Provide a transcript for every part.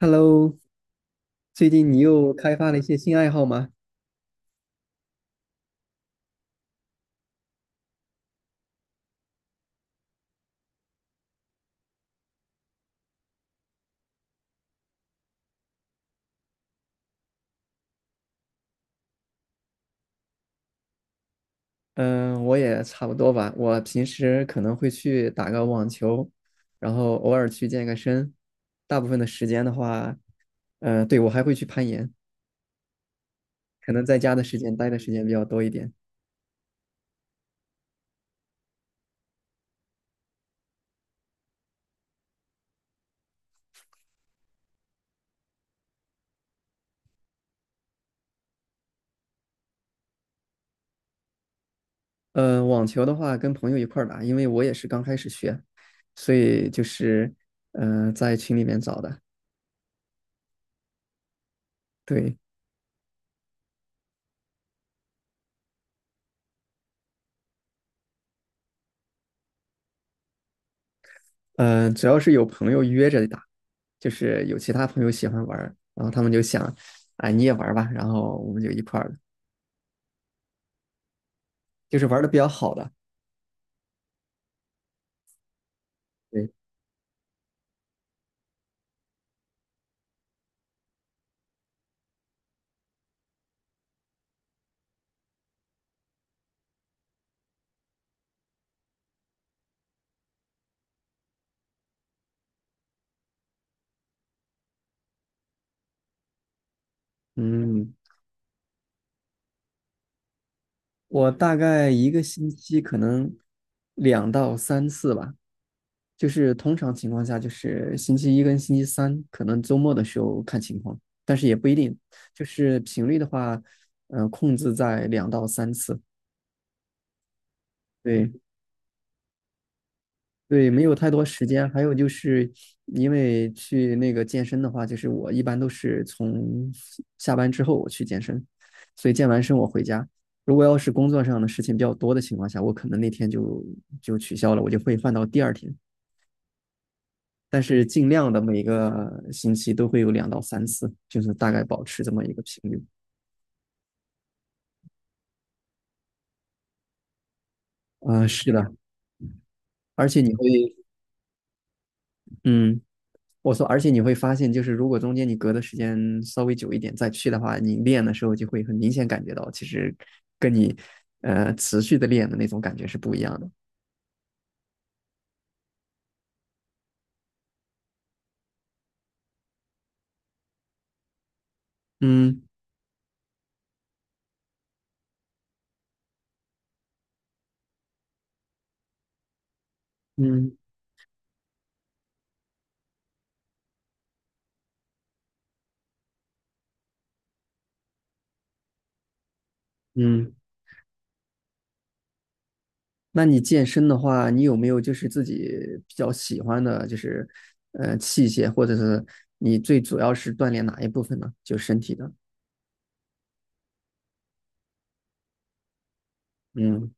Hello，最近你又开发了一些新爱好吗？嗯，我也差不多吧。我平时可能会去打个网球，然后偶尔去健个身。大部分的时间的话，对，我还会去攀岩，可能在家的时间待的时间比较多一点。网球的话跟朋友一块儿打，因为我也是刚开始学，所以就是在群里面找的。对，主要是有朋友约着打，就是有其他朋友喜欢玩儿然后他们就想，啊，你也玩儿吧，然后我们就一块儿，就是玩的比较好的。对，嗯，我大概一个星期可能两到三次吧，就是通常情况下就是星期一跟星期三，可能周末的时候看情况，但是也不一定，就是频率的话，控制在两到三次。对。对，没有太多时间。还有就是，因为去那个健身的话，就是我一般都是从下班之后我去健身，所以健完身我回家。如果要是工作上的事情比较多的情况下，我可能那天就取消了，我就会放到第二天。但是尽量的每个星期都会有两到三次，就是大概保持这么一个频率。啊、是的，而且你会，嗯，我说，而且你会发现，就是如果中间你隔的时间稍微久一点再去的话，你练的时候就会很明显感觉到，其实跟你持续的练的那种感觉是不一样的。嗯嗯嗯。那你健身的话，你有没有就是自己比较喜欢的，就是器械，或者是你最主要是锻炼哪一部分呢？就身体的。嗯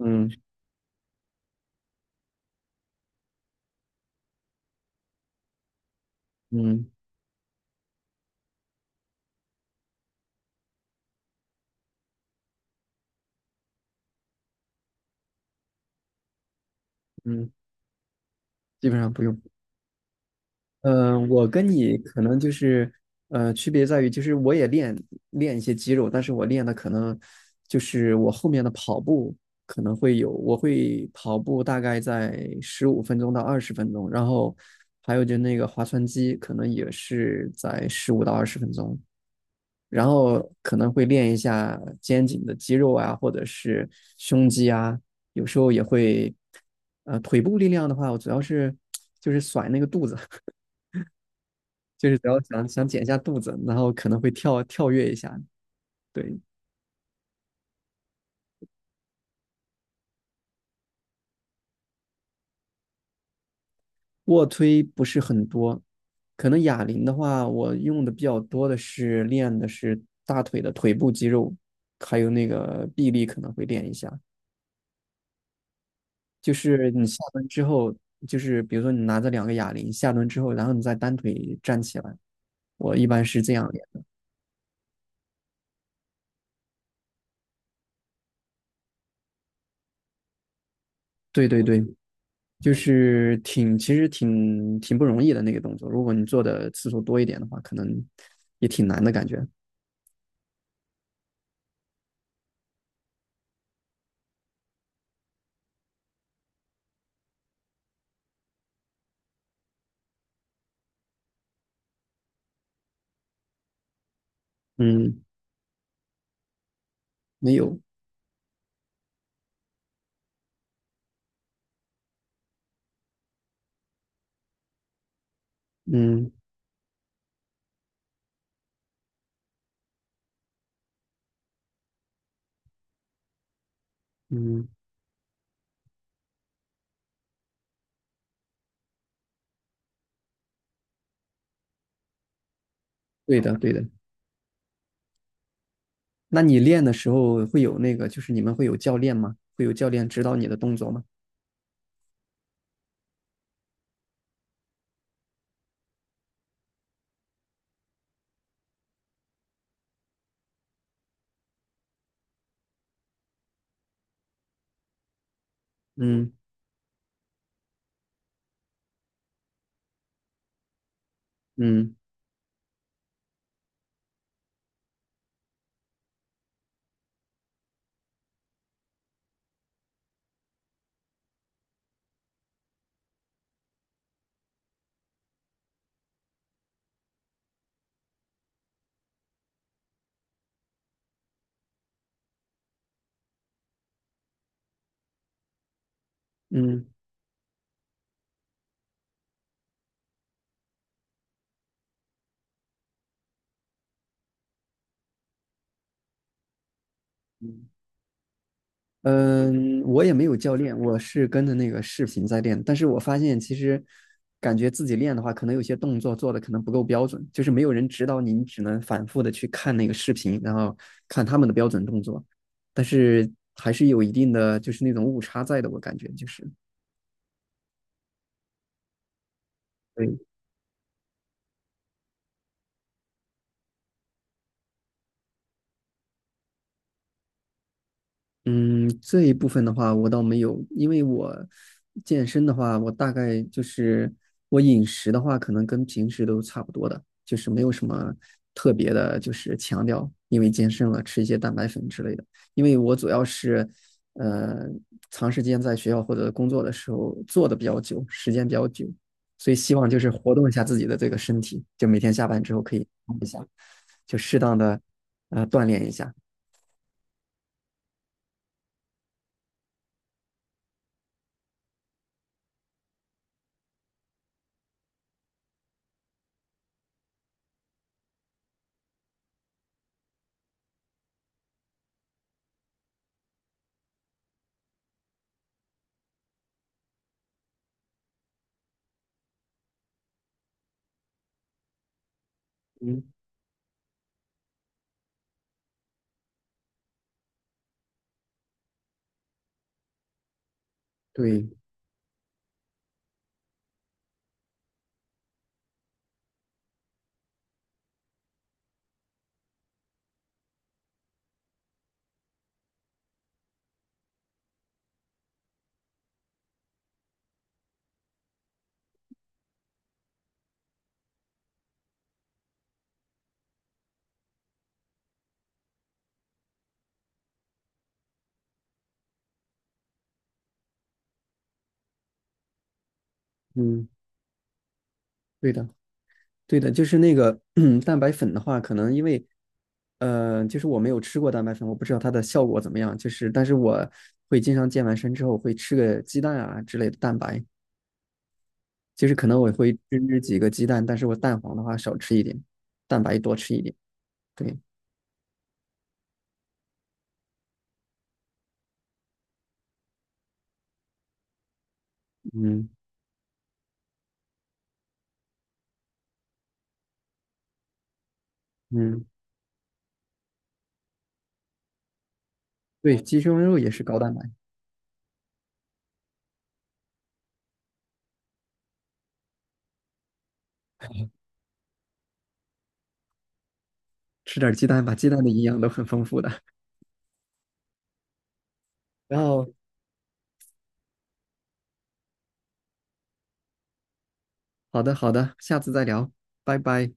嗯嗯嗯，基本上不用。嗯、我跟你可能就是，区别在于，就是我也练练一些肌肉，但是我练的可能就是我后面的跑步可能会有，我会跑步大概在15分钟到20分钟，然后还有就那个划船机可能也是在15到20分钟，然后可能会练一下肩颈的肌肉啊，或者是胸肌啊，有时候也会，腿部力量的话，我主要是 就是甩那个肚子。就是只要想想减一下肚子，然后可能会跳跳跃一下。对，卧推不是很多，可能哑铃的话，我用的比较多的是练的是大腿的腿部肌肉，还有那个臂力可能会练一下。就是你下蹲之后，就是比如说你拿着两个哑铃下蹲之后，然后你再单腿站起来，我一般是这样练。对对对，就是挺其实挺挺不容易的那个动作，如果你做的次数多一点的话，可能也挺难的感觉。嗯，没有，嗯嗯，对的对的。那你练的时候会有那个，就是你们会有教练吗？会有教练指导你的动作吗？嗯嗯嗯嗯，嗯我也没有教练，我是跟着那个视频在练。但是我发现其实感觉自己练的话，可能有些动作做的可能不够标准，就是没有人指导你，你只能反复的去看那个视频，然后看他们的标准动作。但是还是有一定的就是那种误差在的，我感觉就是。对嗯，这一部分的话，我倒没有，因为我健身的话，我大概就是我饮食的话，可能跟平时都差不多的，就是没有什么特别的，就是强调，因为健身了吃一些蛋白粉之类的。因为我主要是，呃，长时间在学校或者工作的时候坐的比较久，时间比较久，所以希望就是活动一下自己的这个身体，就每天下班之后可以动一下，就适当的锻炼一下。嗯，对，嗯，对的。对的，就是那个 蛋白粉的话，可能因为，就是我没有吃过蛋白粉，我不知道它的效果怎么样。就是，但是我会经常健完身之后会吃个鸡蛋啊之类的蛋白，就是可能我会吃几个鸡蛋，但是我蛋黄的话少吃一点，蛋白多吃一点。对，嗯嗯，对，鸡胸肉也是高蛋白，吃点鸡蛋吧，鸡蛋的营养都很丰富的。然后，好的好的，下次再聊，拜拜。